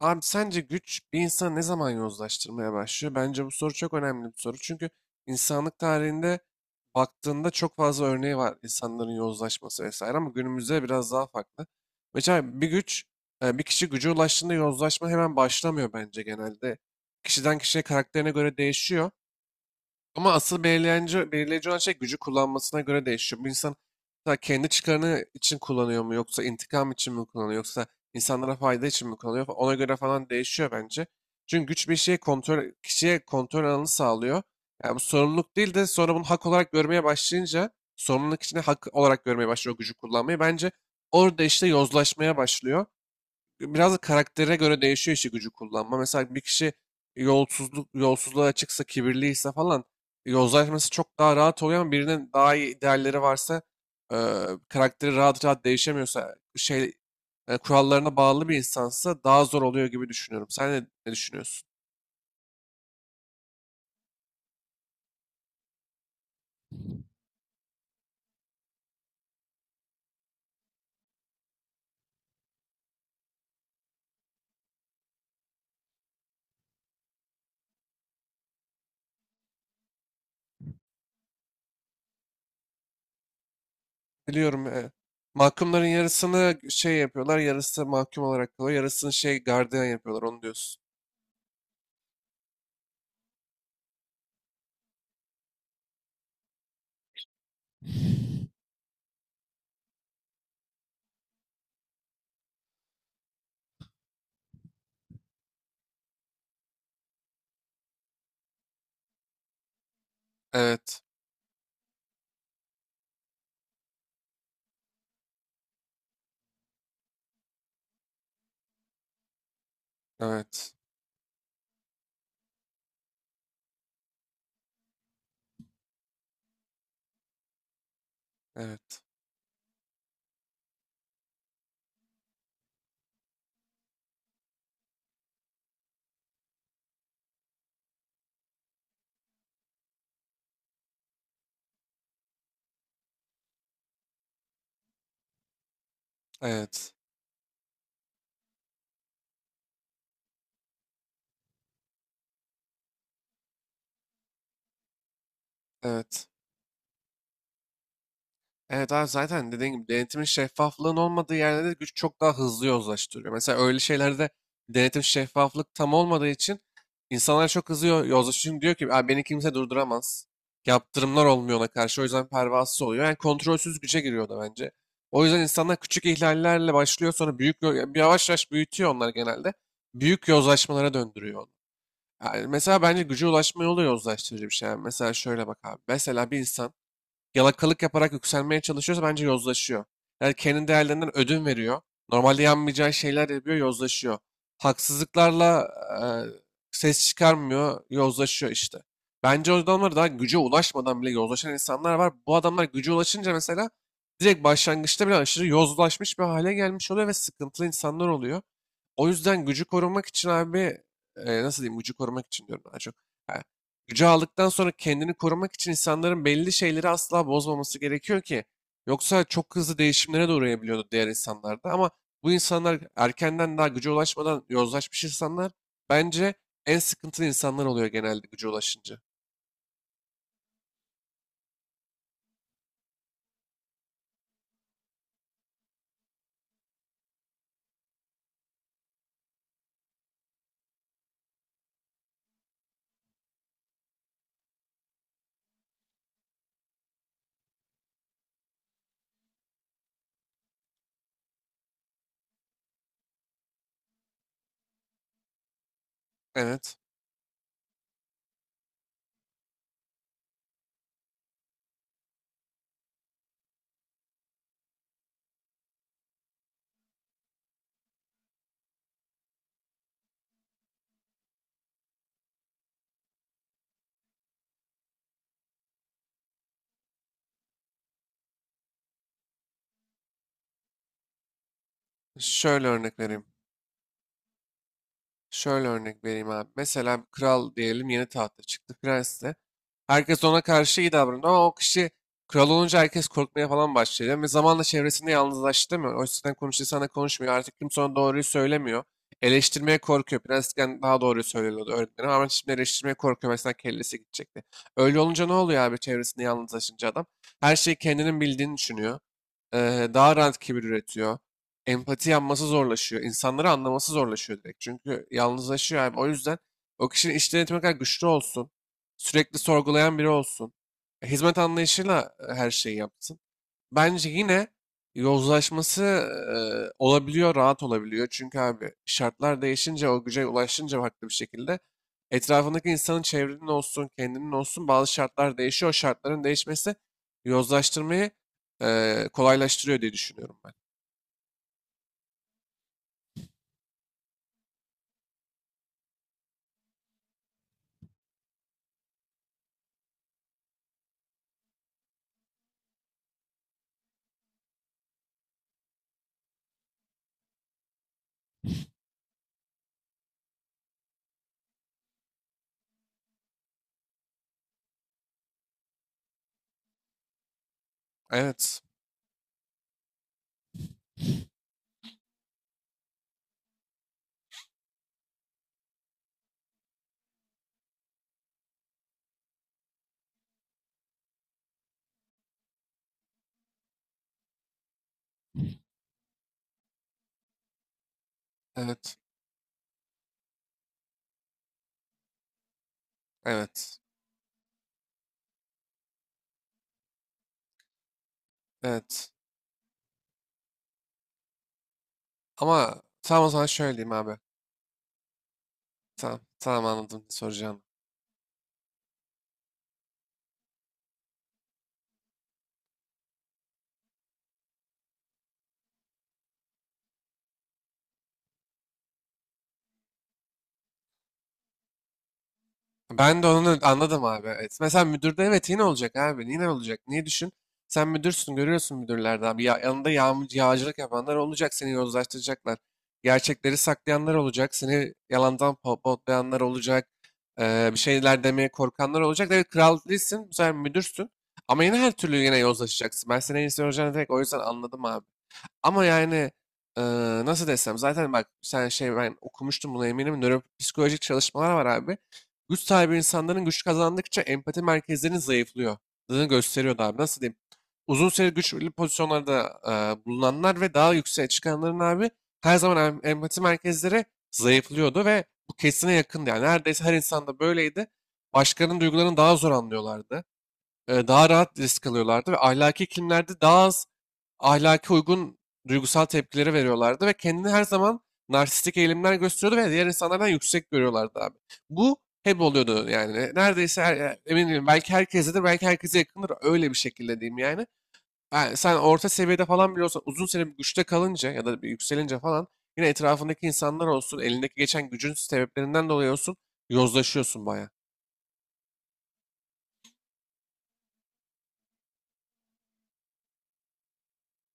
Abi sence güç bir insanı ne zaman yozlaştırmaya başlıyor? Bence bu soru çok önemli bir soru. Çünkü insanlık tarihinde baktığında çok fazla örneği var insanların yozlaşması vesaire ama günümüzde biraz daha farklı. Mesela bir güç, bir kişi güce ulaştığında yozlaşma hemen başlamıyor bence genelde. Kişiden kişiye karakterine göre değişiyor. Ama asıl belirleyici olan şey gücü kullanmasına göre değişiyor. Bu insan mesela kendi çıkarını için kullanıyor mu yoksa intikam için mi kullanıyor yoksa insanlara fayda için mi kullanıyor ona göre falan değişiyor bence. Çünkü güç kişiye kontrol alanı sağlıyor. Yani bu sorumluluk değil de sonra bunu hak olarak görmeye başlayınca sorumluluk içinde hak olarak görmeye başlıyor o gücü kullanmayı. Bence orada işte yozlaşmaya başlıyor biraz da karaktere göre değişiyor işi gücü kullanma. Mesela bir kişi yolsuzluğa açıksa, kibirliyse falan yozlaşması çok daha rahat oluyor ama birinin daha iyi değerleri varsa e, karakteri rahat rahat değişemiyorsa kurallarına bağlı bir insansa daha zor oluyor gibi düşünüyorum. Sen ne düşünüyorsun? Biliyorum, mahkumların yarısını şey yapıyorlar, yarısı mahkum olarak kalıyor, yarısını şey gardiyan yapıyorlar onu diyorsun. Evet, evet, evet, evet, evet. Evet abi, zaten dediğim gibi denetimin şeffaflığın olmadığı yerlerde güç çok daha hızlı yozlaştırıyor. Mesela öyle şeylerde denetim şeffaflık tam olmadığı için insanlar çok hızlı yozlaşıyor. Çünkü diyor ki "Aa, beni kimse durduramaz. Yaptırımlar olmuyor ona karşı o yüzden pervasız oluyor. Yani kontrolsüz güce giriyor da bence. O yüzden insanlar küçük ihlallerle başlıyor sonra büyük yani yavaş yavaş büyütüyor onlar genelde. Büyük yozlaşmalara döndürüyor onu. Yani mesela bence güce ulaşma yolu da yozlaştırıcı bir şey. Yani mesela şöyle bak abi. Mesela bir insan yalakalık yaparak yükselmeye çalışıyorsa bence yozlaşıyor. Yani kendi değerlerinden ödün veriyor. Normalde yanmayacağı şeyler yapıyor, yozlaşıyor. Haksızlıklarla ses çıkarmıyor, yozlaşıyor işte. Bence o adamlar daha güce ulaşmadan bile yozlaşan insanlar var. Bu adamlar güce ulaşınca mesela direkt başlangıçta bile aşırı yozlaşmış bir hale gelmiş oluyor ve sıkıntılı insanlar oluyor. O yüzden gücü korumak için abi, nasıl diyeyim gücü korumak için diyorum daha çok. Ha, gücü aldıktan sonra kendini korumak için insanların belli şeyleri asla bozmaması gerekiyor ki. Yoksa çok hızlı değişimlere de uğrayabiliyordu diğer insanlarda. Ama bu insanlar erkenden daha güce ulaşmadan yozlaşmış insanlar bence en sıkıntılı insanlar oluyor genelde güce ulaşınca. Evet. Şöyle örnek vereyim. Şöyle örnek vereyim abi. Mesela bir kral diyelim yeni tahta çıktı prens de. Herkes ona karşı iyi davranıyor ama o kişi kral olunca herkes korkmaya falan başlıyor. Ve zamanla çevresinde yalnızlaştı mı? O yüzden konuştuğu sana konuşmuyor. Artık kimse ona doğruyu söylemiyor. Eleştirmeye korkuyor. Prensken daha doğruyu söylüyordu öğretmenim ama şimdi eleştirmeye korkuyor. Mesela kellesi gidecekti. Öyle olunca ne oluyor abi çevresinde yalnızlaşınca adam? Her şeyi kendinin bildiğini düşünüyor. Daha rahat kibir üretiyor, empati yapması zorlaşıyor. İnsanları anlaması zorlaşıyor direkt. Çünkü yalnızlaşıyor abi. O yüzden o kişinin iş denetimi kadar güçlü olsun. Sürekli sorgulayan biri olsun. Hizmet anlayışıyla her şeyi yapsın. Bence yine yozlaşması olabiliyor, rahat olabiliyor. Çünkü abi şartlar değişince, o güce ulaşınca farklı bir şekilde etrafındaki insanın çevrenin olsun, kendinin olsun bazı şartlar değişiyor. O şartların değişmesi yozlaştırmayı kolaylaştırıyor diye düşünüyorum ben. Evet. Evet. Evet. Evet. Ama tamam o zaman şöyle diyeyim abi. Tamam. Tamam anladım ne soracağını. Ben de onu anladım abi. Evet. Mesela müdürde evet yine olacak abi. Yine olacak. Niye düşün? Sen müdürsün görüyorsun müdürlerden abi. Ya, yanında yağcılık yapanlar olacak. Seni yozlaştıracaklar. Gerçekleri saklayanlar olacak. Seni yalandan potlayanlar olacak. Bir şeyler demeye korkanlar olacak. Evet kral değilsin. Bu sefer müdürsün. Ama yine her türlü yine yozlaşacaksın. Ben seni en iyisi soracağını direkt o yüzden anladım abi. Ama yani eee, nasıl desem zaten bak sen şey ben okumuştum buna eminim. Nöropsikolojik çalışmalar var abi. Güç sahibi insanların güç kazandıkça empati merkezlerinin zayıflıyor. Gösteriyordu abi. Nasıl diyeyim? Uzun süre güçlü pozisyonlarda bulunanlar ve daha yükseğe çıkanların abi her zaman empati merkezleri zayıflıyordu ve bu kesine yakındı. Yani neredeyse her insanda böyleydi. Başkalarının duygularını daha zor anlıyorlardı. Daha rahat risk alıyorlardı ve ahlaki iklimlerde daha az ahlaki uygun duygusal tepkileri veriyorlardı ve kendini her zaman narsistik eğilimler gösteriyordu ve diğer insanlardan yüksek görüyorlardı abi. Bu hep oluyordu yani. Neredeyse emin değilim. Belki herkestedir, belki herkese yakındır. Öyle bir şekilde diyeyim yani. Ha, sen orta seviyede falan bile olsan uzun süre bir güçte kalınca ya da bir yükselince falan yine etrafındaki insanlar olsun, elindeki geçen gücün sebeplerinden dolayı olsun yozlaşıyorsun bayağı.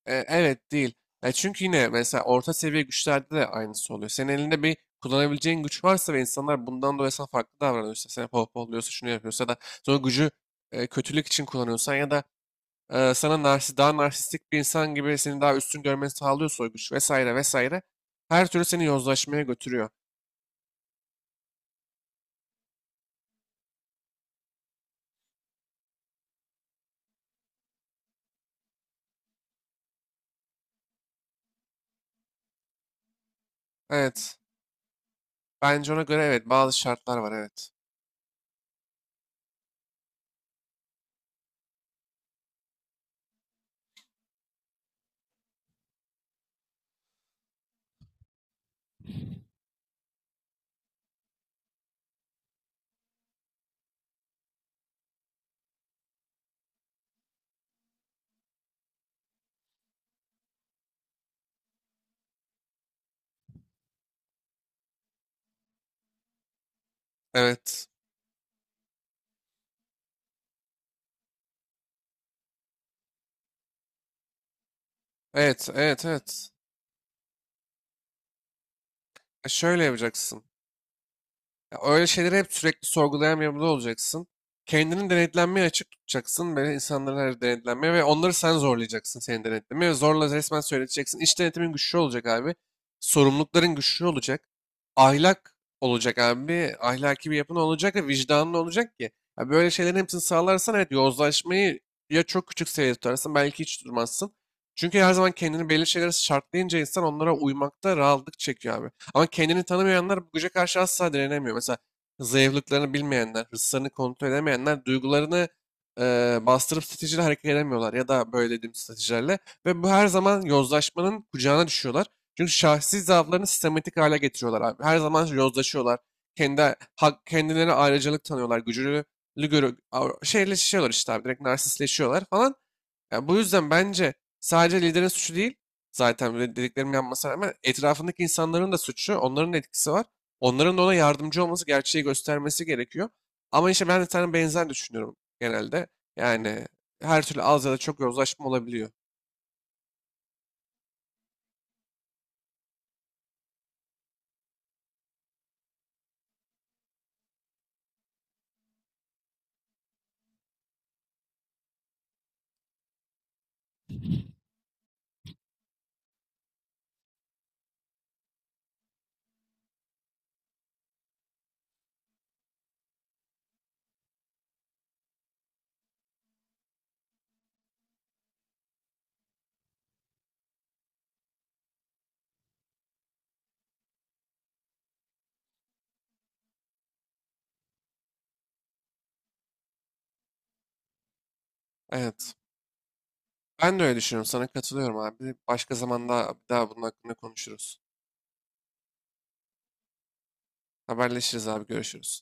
Evet değil. Ya çünkü yine mesela orta seviye güçlerde de aynısı oluyor. Senin elinde bir kullanabileceğin güç varsa ve insanlar bundan dolayı sana farklı davranıyorsa, seni pohpohluyorsa, şunu yapıyorsa da sonra gücü kötülük için kullanıyorsan ya da daha narsistik bir insan gibi seni daha üstün görmeni sağlıyorsa o güç vesaire vesaire her türlü seni yozlaşmaya götürüyor. Evet. Bence ona göre evet bazı şartlar var evet. Evet. Evet, evet, evet. Şöyle yapacaksın. Ya öyle şeyleri hep sürekli sorgulayan bir yapıda olacaksın. Kendini denetlenmeye açık tutacaksın. Böyle insanların her denetlenmeye ve onları sen zorlayacaksın seni denetlemeye. Ve zorla resmen söyleteceksin. İç denetimin güçlü olacak abi. Sorumlulukların güçlü olacak. Ahlak olacak abi. Ahlaki bir yapın olacak ve vicdanın olacak ki. Ya böyle şeylerin hepsini sağlarsan evet yozlaşmayı ya çok küçük seviyede tutarsın belki hiç durmazsın. Çünkü her zaman kendini belli şeylere şartlayınca insan onlara uymakta rahatlık çekiyor abi. Ama kendini tanımayanlar bu güce karşı asla direnemiyor. Mesela zayıflıklarını bilmeyenler, hırslarını kontrol edemeyenler, duygularını bastırıp stratejiyle hareket edemiyorlar ya da böyle dediğim stratejilerle. Ve bu her zaman yozlaşmanın kucağına düşüyorlar. Çünkü şahsi zaaflarını sistematik hale getiriyorlar abi. Her zaman yozlaşıyorlar. Kendilerine ayrıcalık tanıyorlar. Şeyleşiyorlar işte abi. Direkt narsistleşiyorlar falan. Yani bu yüzden bence sadece liderin suçu değil, zaten böyle dediklerimi yapmasına rağmen etrafındaki insanların da suçu, onların da etkisi var. Onların da ona yardımcı olması, gerçeği göstermesi gerekiyor. Ama işte ben de sana benzer düşünüyorum genelde. Yani her türlü az ya da çok yozlaşma olabiliyor. Evet. Ben de öyle düşünüyorum. Sana katılıyorum abi. Başka zaman daha bunun hakkında konuşuruz. Haberleşiriz abi. Görüşürüz.